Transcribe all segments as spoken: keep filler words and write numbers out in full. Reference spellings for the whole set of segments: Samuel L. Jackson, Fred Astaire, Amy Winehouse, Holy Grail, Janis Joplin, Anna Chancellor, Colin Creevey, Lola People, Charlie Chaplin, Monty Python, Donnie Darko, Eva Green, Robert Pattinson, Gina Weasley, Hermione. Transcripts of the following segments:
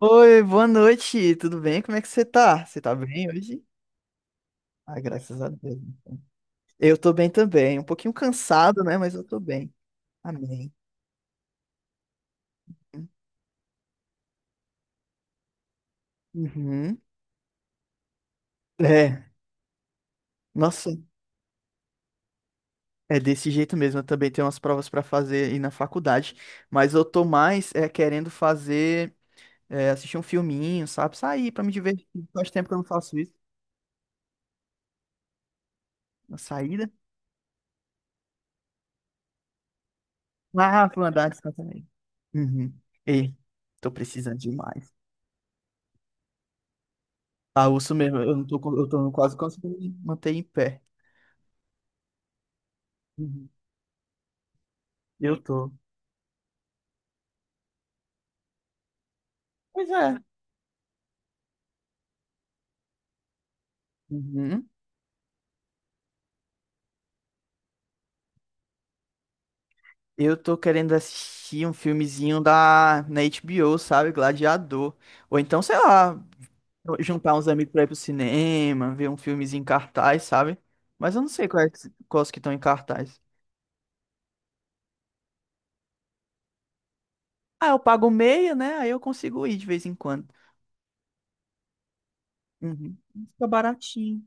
Oi, boa noite, tudo bem? Como é que você tá? Você tá bem hoje? Ah, graças a Deus. Eu tô bem também, um pouquinho cansado, né? Mas eu tô bem. Amém. Uhum. É, nossa, é desse jeito mesmo. Eu também tenho umas provas pra fazer aí na faculdade, mas eu tô mais é, querendo fazer, é, assistir um filminho, sabe? Sair pra me divertir. Faz tempo que eu não faço isso. Uma saída. Ah, pra andar descansar aí. Uhum. Ei, tô precisando demais. Ah, urso mesmo, eu não tô, co- eu tô quase conseguindo me manter em pé. Uhum. Eu tô. Pois é. Uhum. Eu tô querendo assistir um filmezinho da, na H B O, sabe? Gladiador. Ou então, sei lá, juntar uns amigos pra ir pro cinema, ver um filmezinho em cartaz, sabe? Mas eu não sei quais, quais que estão em cartaz. Ah, eu pago meia, né? Aí eu consigo ir de vez em quando. Uhum. Fica baratinho.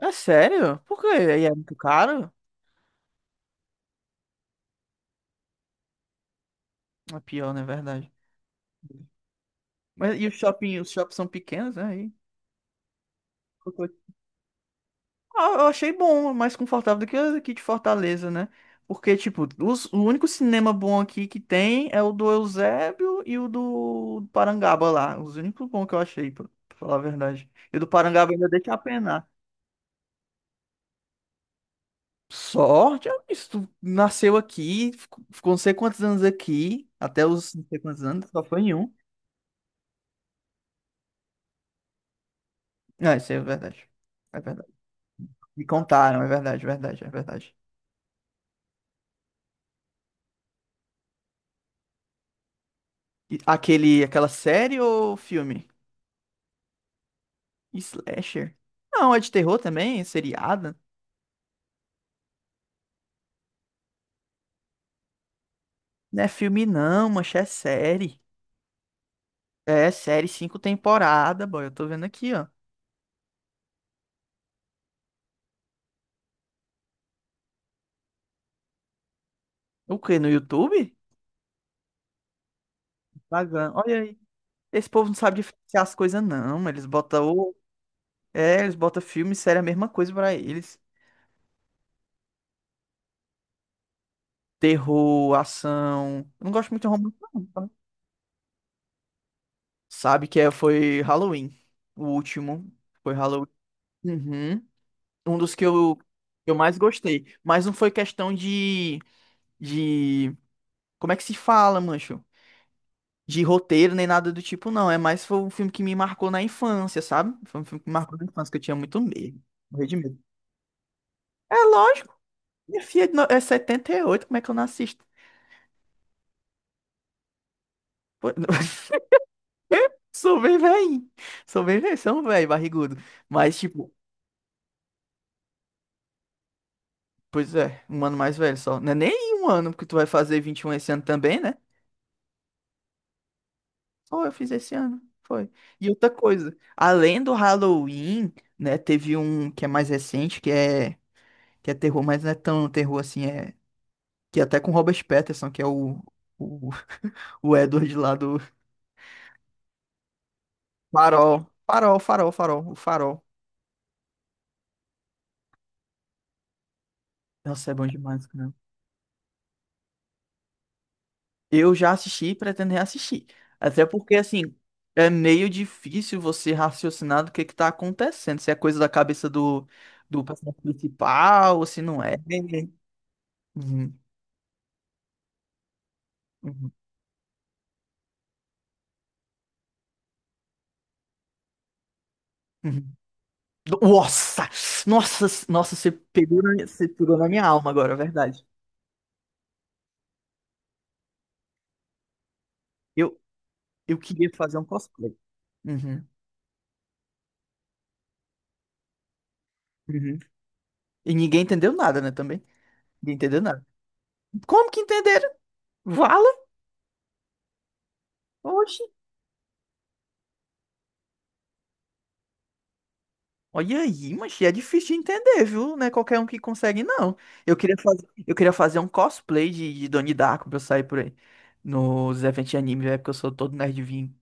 É sério? Por quê? Aí é muito caro? É pior, na verdade. Mas e os shopping, os shoppings são pequenos, né? E- Ah, eu achei bom, mais confortável do que o aqui de Fortaleza, né? Porque, tipo, os- o único cinema bom aqui que tem é o do Eusébio e o do Parangaba lá. Os únicos bons que eu achei, pra, pra falar a verdade. E o do Parangaba ainda deixa a penar. Sorte, é isso. Tu nasceu aqui, ficou ficou não sei quantos anos aqui, até os não sei quantos anos, só foi em um. Ah, isso aí é verdade. É verdade. Me contaram, é verdade, é verdade, é verdade. E- Aquele, aquela série ou filme? Slasher? Não, é de terror também, é seriado. Não é filme não, mancha, é série. É série cinco temporada, boy. Eu tô vendo aqui, ó. O quê? No YouTube? Pagando. Olha aí. Esse povo não sabe diferenciar as coisas, não. Eles botam. o- É, eles botam filme e série a mesma coisa pra eles. Terror, ação. Eu não gosto muito de romance, não, tá? Sabe que é, foi Halloween. O último. Foi Halloween. Uhum. Um dos que eu, que eu mais gostei. Mas não foi questão de, de. Como é que se fala, mancho? De roteiro nem nada do tipo, não. É mais foi um filme que me marcou na infância, sabe? Foi um filme que me marcou na infância, que eu tinha muito medo. Morri de medo. É lógico. Minha filha é de no- é setenta e oito, como é que eu não assisto? Pô, sou bem velho. Sou bem velho, sou um velho, barrigudo. Mas, tipo, pois é, um ano mais velho só. Não é nem um ano, porque tu vai fazer vinte e um esse ano também, né? Foi, eu fiz esse ano. Foi. E outra coisa, além do Halloween, né, teve um que é mais recente, que é, que é terror, mas não é tão terror assim, é que é até com Robert Pattinson, que é o, o, o Edward lá do Farol. Farol, Farol, Farol, o Farol. Nossa, é bom demais, cara. Eu já assisti e pretendo reassistir. Até porque, assim, é meio difícil você raciocinar do que que tá acontecendo, se é coisa da cabeça do, do personagem principal, ou se não é. Uhum. Uhum. Uhum. Nossa! Nossa, nossa, você pegou na, você pegou na minha alma agora, é verdade. Eu, eu queria fazer um cosplay. Uhum, uhum. E ninguém entendeu nada, né, também? Ninguém entendeu nada. Como que entenderam? Vala? Oxi. Olha aí, mas é difícil de entender, viu? Não é qualquer um que consegue, não. Eu queria fazer, eu queria fazer um cosplay de, de Donnie Darko pra eu sair por aí. Nos eventos de anime, é porque eu sou todo nerdzinho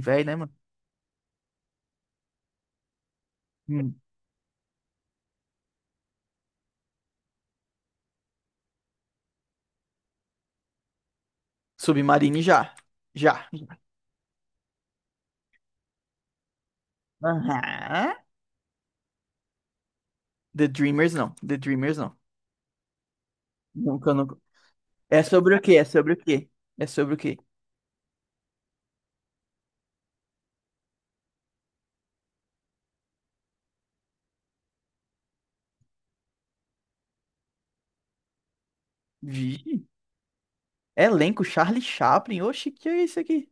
velho, né, mano? Hum. Submarine já. Já. Aham. The Dreamers não. The Dreamers não. Nunca, nunca. É sobre o quê? É sobre o quê? É sobre o quê? Vixe. Elenco, Charlie Chaplin. Oxe, que é isso aqui?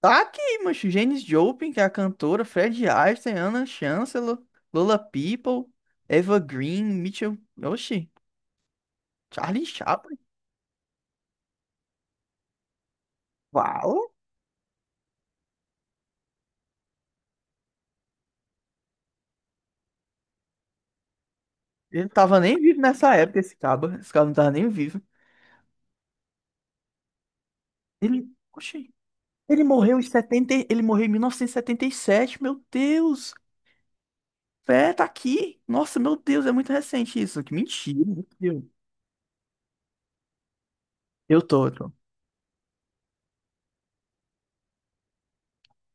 Tá aqui, mancho. Janis Joplin, que é a cantora. Fred Astaire, Anna Chancellor, Lola People, Eva Green, Mitchell. Oxe, Charlie Chaplin. Uau! Ele não tava nem vivo nessa época, esse cabo. Esse cara não tava nem vivo. Ele. Oxe. Ele morreu em setenta. Ele morreu em mil novecentos e e setenta e sete. Meu Deus! É, tá aqui. Nossa, meu Deus, é muito recente isso. Que mentira. Meu Deus. Eu tô, eu tô.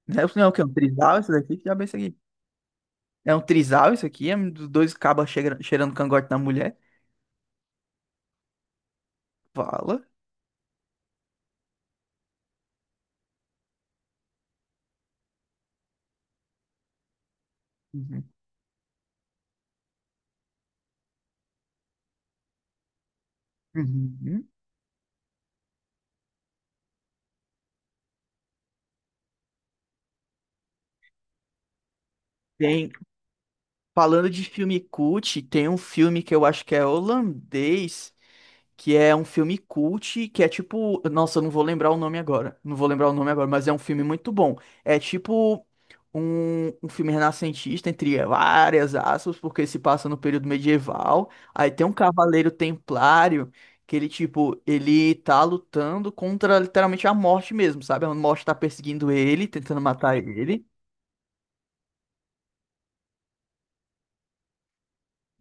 Não, é não, é o que é um trisal isso daqui? Que diabo é isso aqui? É um trisal isso aqui? É um dos dois cabas cheira- cheirando cangote na mulher? Fala. Uhum. Uhum. Tem, falando de filme cult, tem um filme que eu acho que é holandês, que é um filme cult, que é tipo, nossa, eu não vou lembrar o nome agora. Não vou lembrar o nome agora, mas é um filme muito bom. É tipo um, um filme renascentista, entre várias aspas, porque se passa no período medieval. Aí tem um cavaleiro templário que ele tipo, ele tá lutando contra literalmente a morte mesmo, sabe? A morte tá perseguindo ele, tentando matar ele.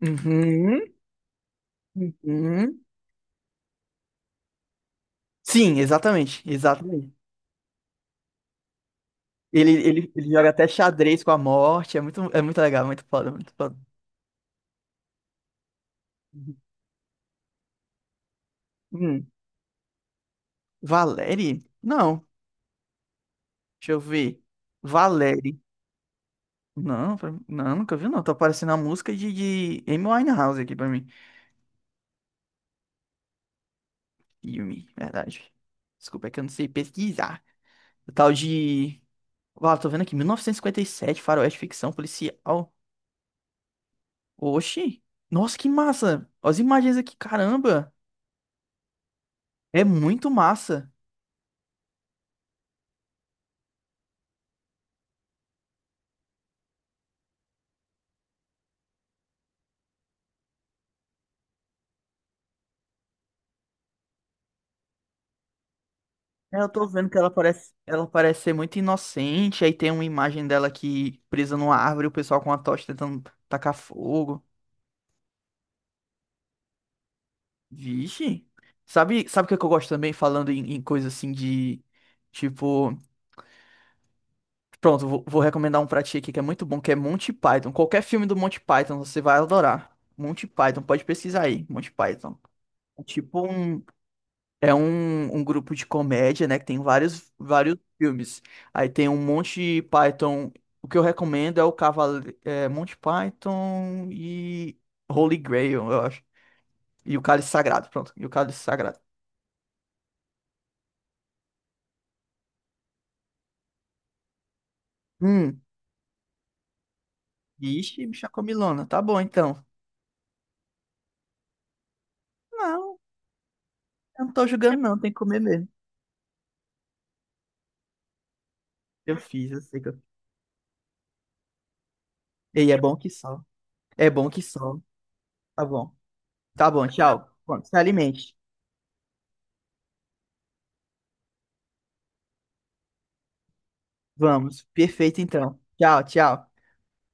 Uhum, uhum. Sim, exatamente, exatamente. Ele, ele, ele joga até xadrez com a morte. É muito, é muito legal, muito foda, muito foda. Hum, Valérie? Não, deixa eu ver. Valérie. Não, pra- não, nunca vi, não. Tá aparecendo a música de, de Amy Winehouse aqui pra mim. Yumi, verdade. Desculpa, é que eu não sei pesquisar. O tal de. Uau, tô vendo aqui, mil novecentos e cinquenta e sete, faroeste, ficção policial. Oxi! Nossa, que massa! Olha as imagens aqui, caramba! É muito massa! É, eu tô vendo que ela parece, ela parece ser muito inocente, aí tem uma imagem dela aqui presa numa árvore, o pessoal com uma tocha tentando tacar fogo. Vixe. Sabe, sabe o que é que eu gosto também, falando em, em coisa assim de, tipo, pronto, vou, vou recomendar um pra ti aqui que é muito bom, que é Monty Python. Qualquer filme do Monty Python você vai adorar. Monty Python, pode pesquisar aí, Monty Python. É tipo um, É um, um grupo de comédia, né? Que tem vários, vários filmes. Aí tem um Monty Python. O que eu recomendo é o Cavale... é, Monty Python e Holy Grail, eu acho. E o Cálice Sagrado, pronto. E o Cálice Sagrado. Hum. Ixi, bicha comilona. Tá bom, então. Não, eu não tô julgando, não. Tem que comer mesmo. Eu fiz, eu sei que eu... E é bom que só. É bom que só. Tá bom. Tá bom, tchau. Bom, se alimente. Vamos. Perfeito, então. Tchau, tchau.